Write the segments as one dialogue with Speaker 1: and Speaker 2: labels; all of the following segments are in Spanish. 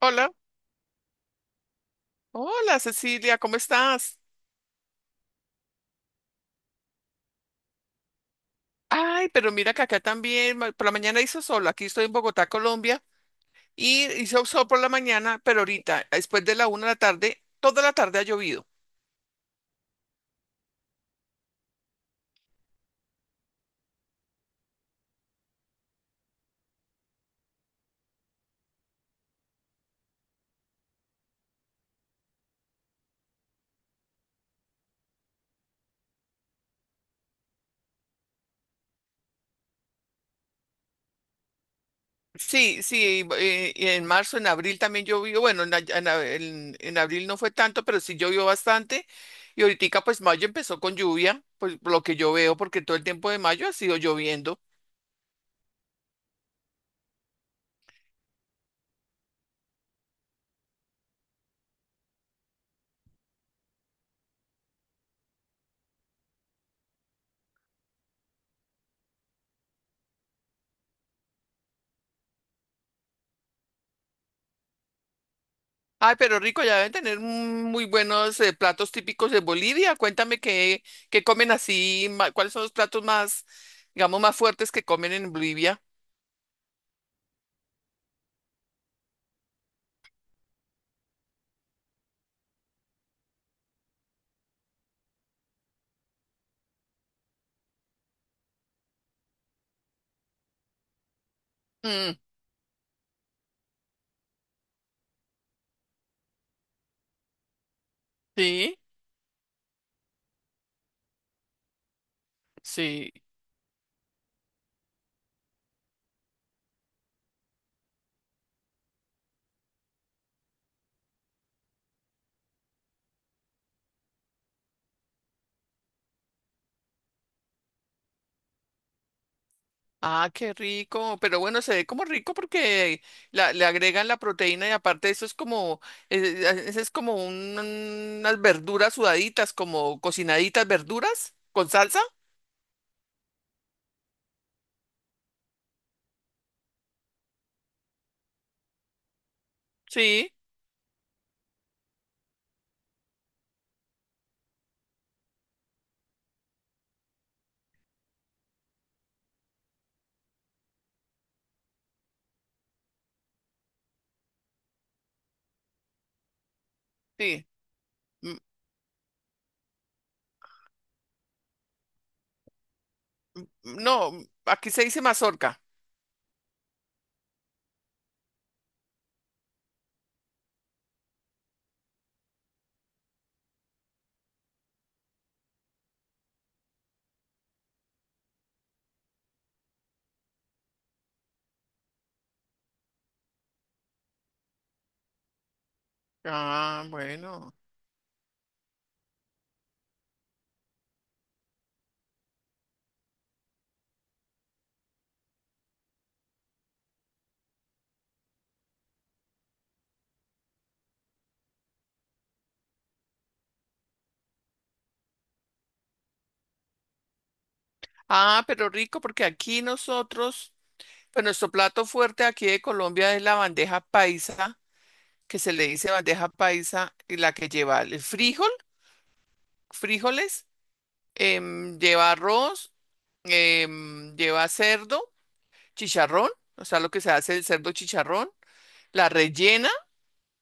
Speaker 1: Hola, hola Cecilia, ¿cómo estás? Ay, pero mira que acá también, por la mañana hizo sol, aquí estoy en Bogotá, Colombia, y hizo sol por la mañana, pero ahorita, después de la una de la tarde, toda la tarde ha llovido. Sí, sí, y en marzo, en abril también llovió, bueno, en abril no fue tanto, pero sí llovió bastante. Y ahorita pues mayo empezó con lluvia, pues por lo que yo veo, porque todo el tiempo de mayo ha sido lloviendo. Ay, pero rico, ya deben tener muy buenos platos típicos de Bolivia. Cuéntame qué, qué comen así, cuáles son los platos más, digamos, más fuertes que comen en Bolivia. Mm, sí, sí. Ah, qué rico. Pero bueno, se ve como rico porque le agregan la proteína y aparte eso es como unas verduras sudaditas, como cocinaditas verduras con salsa. Sí, sí. Mm. No, aquí se dice mazorca. Ah, bueno. Ah, pero rico, porque aquí nosotros, pues nuestro plato fuerte aquí de Colombia es la bandeja paisa, que se le dice bandeja paisa, y la que lleva el frijol, frijoles, em, lleva arroz, em, lleva cerdo, chicharrón, o sea, lo que se hace el cerdo chicharrón, la rellena,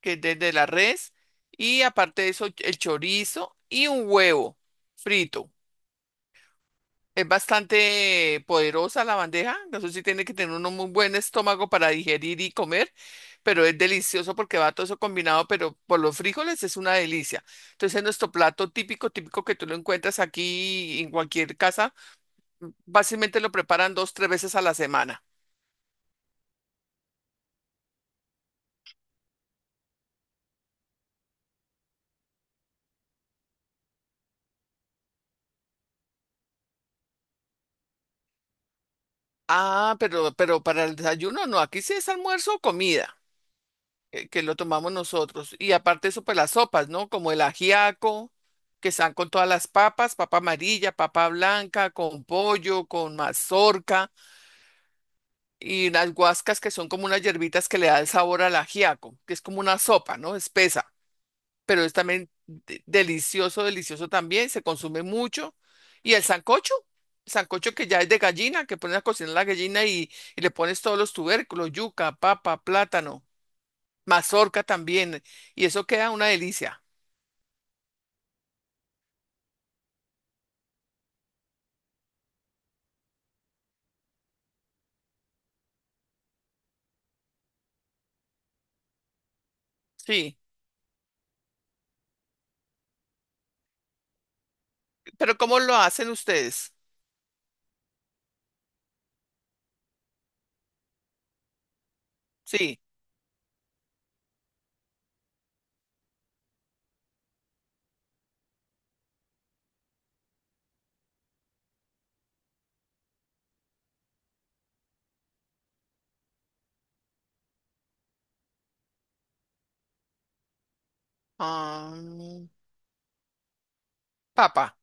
Speaker 1: que es desde la res, y aparte de eso, el chorizo y un huevo frito. Es bastante poderosa la bandeja. No sé si tiene que tener uno muy buen estómago para digerir y comer, pero es delicioso porque va todo eso combinado, pero por los frijoles es una delicia. Entonces, es nuestro plato típico, típico que tú lo encuentras aquí en cualquier casa, básicamente lo preparan dos, tres veces a la semana. Ah, pero para el desayuno no, aquí sí es almuerzo o comida. Eh, que lo tomamos nosotros. Y aparte eso, pues las sopas, ¿no? Como el ajiaco, que están con todas las papas, papa amarilla, papa blanca, con pollo, con mazorca, y las guascas que son como unas hierbitas que le da el sabor al ajiaco, que es como una sopa, ¿no? Espesa, pero es también delicioso, delicioso también, se consume mucho. Y el sancocho. Sancocho que ya es de gallina, que pones a cocinar la gallina y le pones todos los tubérculos, yuca, papa, plátano, mazorca también. Y eso queda una delicia. Sí. Pero ¿cómo lo hacen ustedes? Sí. Ah, papa.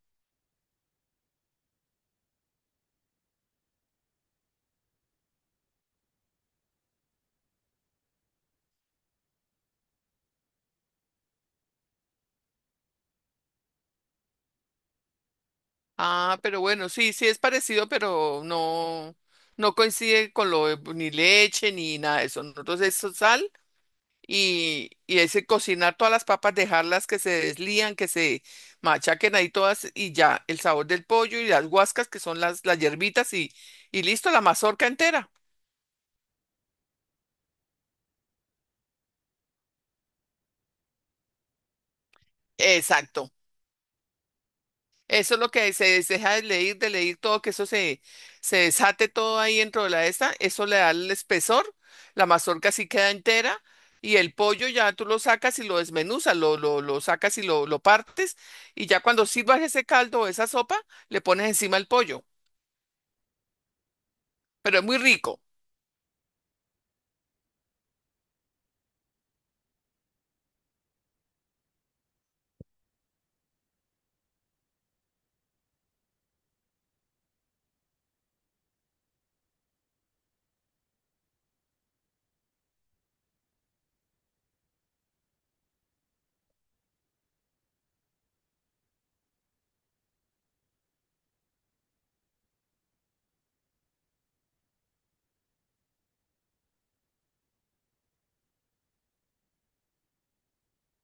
Speaker 1: Ah, pero bueno, sí, sí es parecido, pero no, no coincide con lo de ni leche ni nada de eso. Nosotros es sal y ese cocinar todas las papas, dejarlas que se deslían, que se machaquen ahí todas y ya el sabor del pollo y las guascas que son las hierbitas y listo, la mazorca entera. Exacto. Eso es lo que se deja de leer todo, que eso se, se desate todo ahí dentro de la esta, eso le da el espesor, la mazorca sí queda entera y el pollo ya tú lo sacas y lo desmenuzas, lo sacas y lo partes y ya cuando sirvas ese caldo o esa sopa, le pones encima el pollo, pero es muy rico.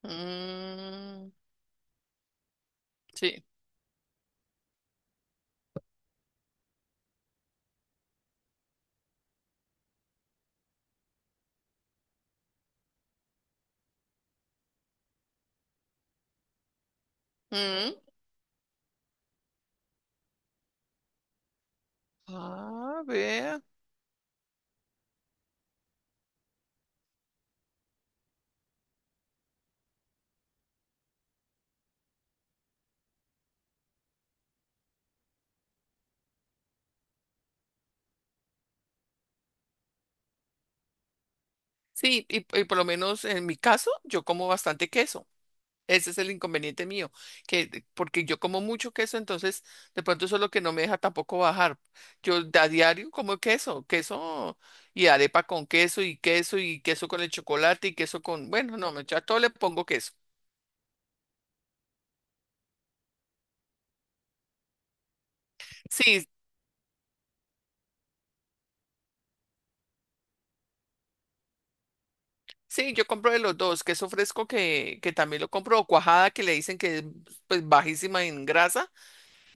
Speaker 1: Mm, sí. Mm. Ah, vea. Sí, y por lo menos en mi caso, yo como bastante queso. Ese es el inconveniente mío, que porque yo como mucho queso, entonces de pronto eso es lo que no me deja tampoco bajar. Yo a diario como queso, queso y arepa con queso y queso y queso con el chocolate y queso con, bueno, no, yo a todo le pongo queso. Sí, sí, yo compro de los dos, queso fresco que también lo compro, o cuajada que le dicen que es pues bajísima en grasa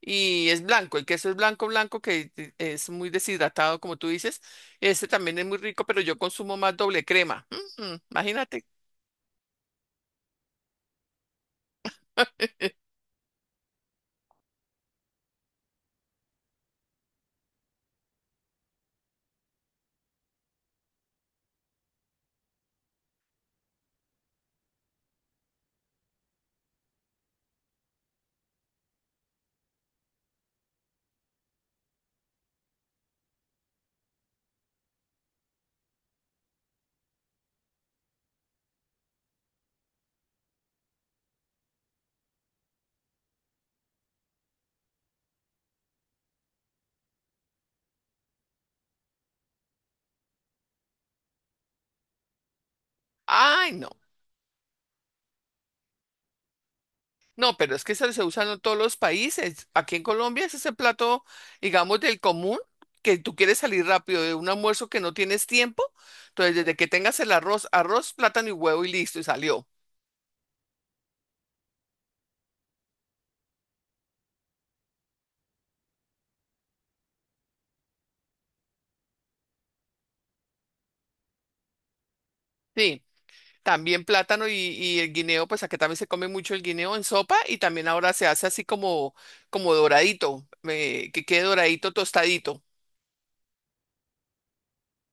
Speaker 1: y es blanco. El queso es blanco, blanco, que es muy deshidratado, como tú dices. Este también es muy rico, pero yo consumo más doble crema. Mm, mm, imagínate. Ay, no. No, pero es que se usa en todos los países. Aquí en Colombia es ese plato, digamos, del común, que tú quieres salir rápido de un almuerzo que no tienes tiempo. Entonces, desde que tengas el arroz, arroz, plátano y huevo y listo, y salió. Sí. También plátano y el guineo, pues aquí también se come mucho el guineo en sopa y también ahora se hace así como, como doradito, que quede doradito, tostadito.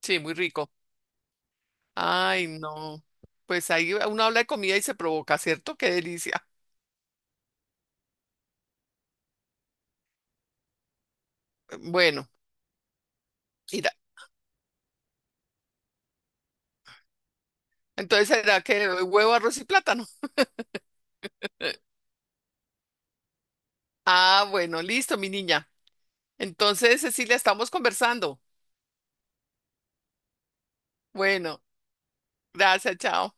Speaker 1: Sí, muy rico. Ay, no. Pues ahí uno habla de comida y se provoca, ¿cierto? Qué delicia. Bueno, mira. Entonces será que huevo, arroz y plátano. Ah, bueno, listo, mi niña. Entonces, Cecilia, estamos conversando. Bueno, gracias, chao.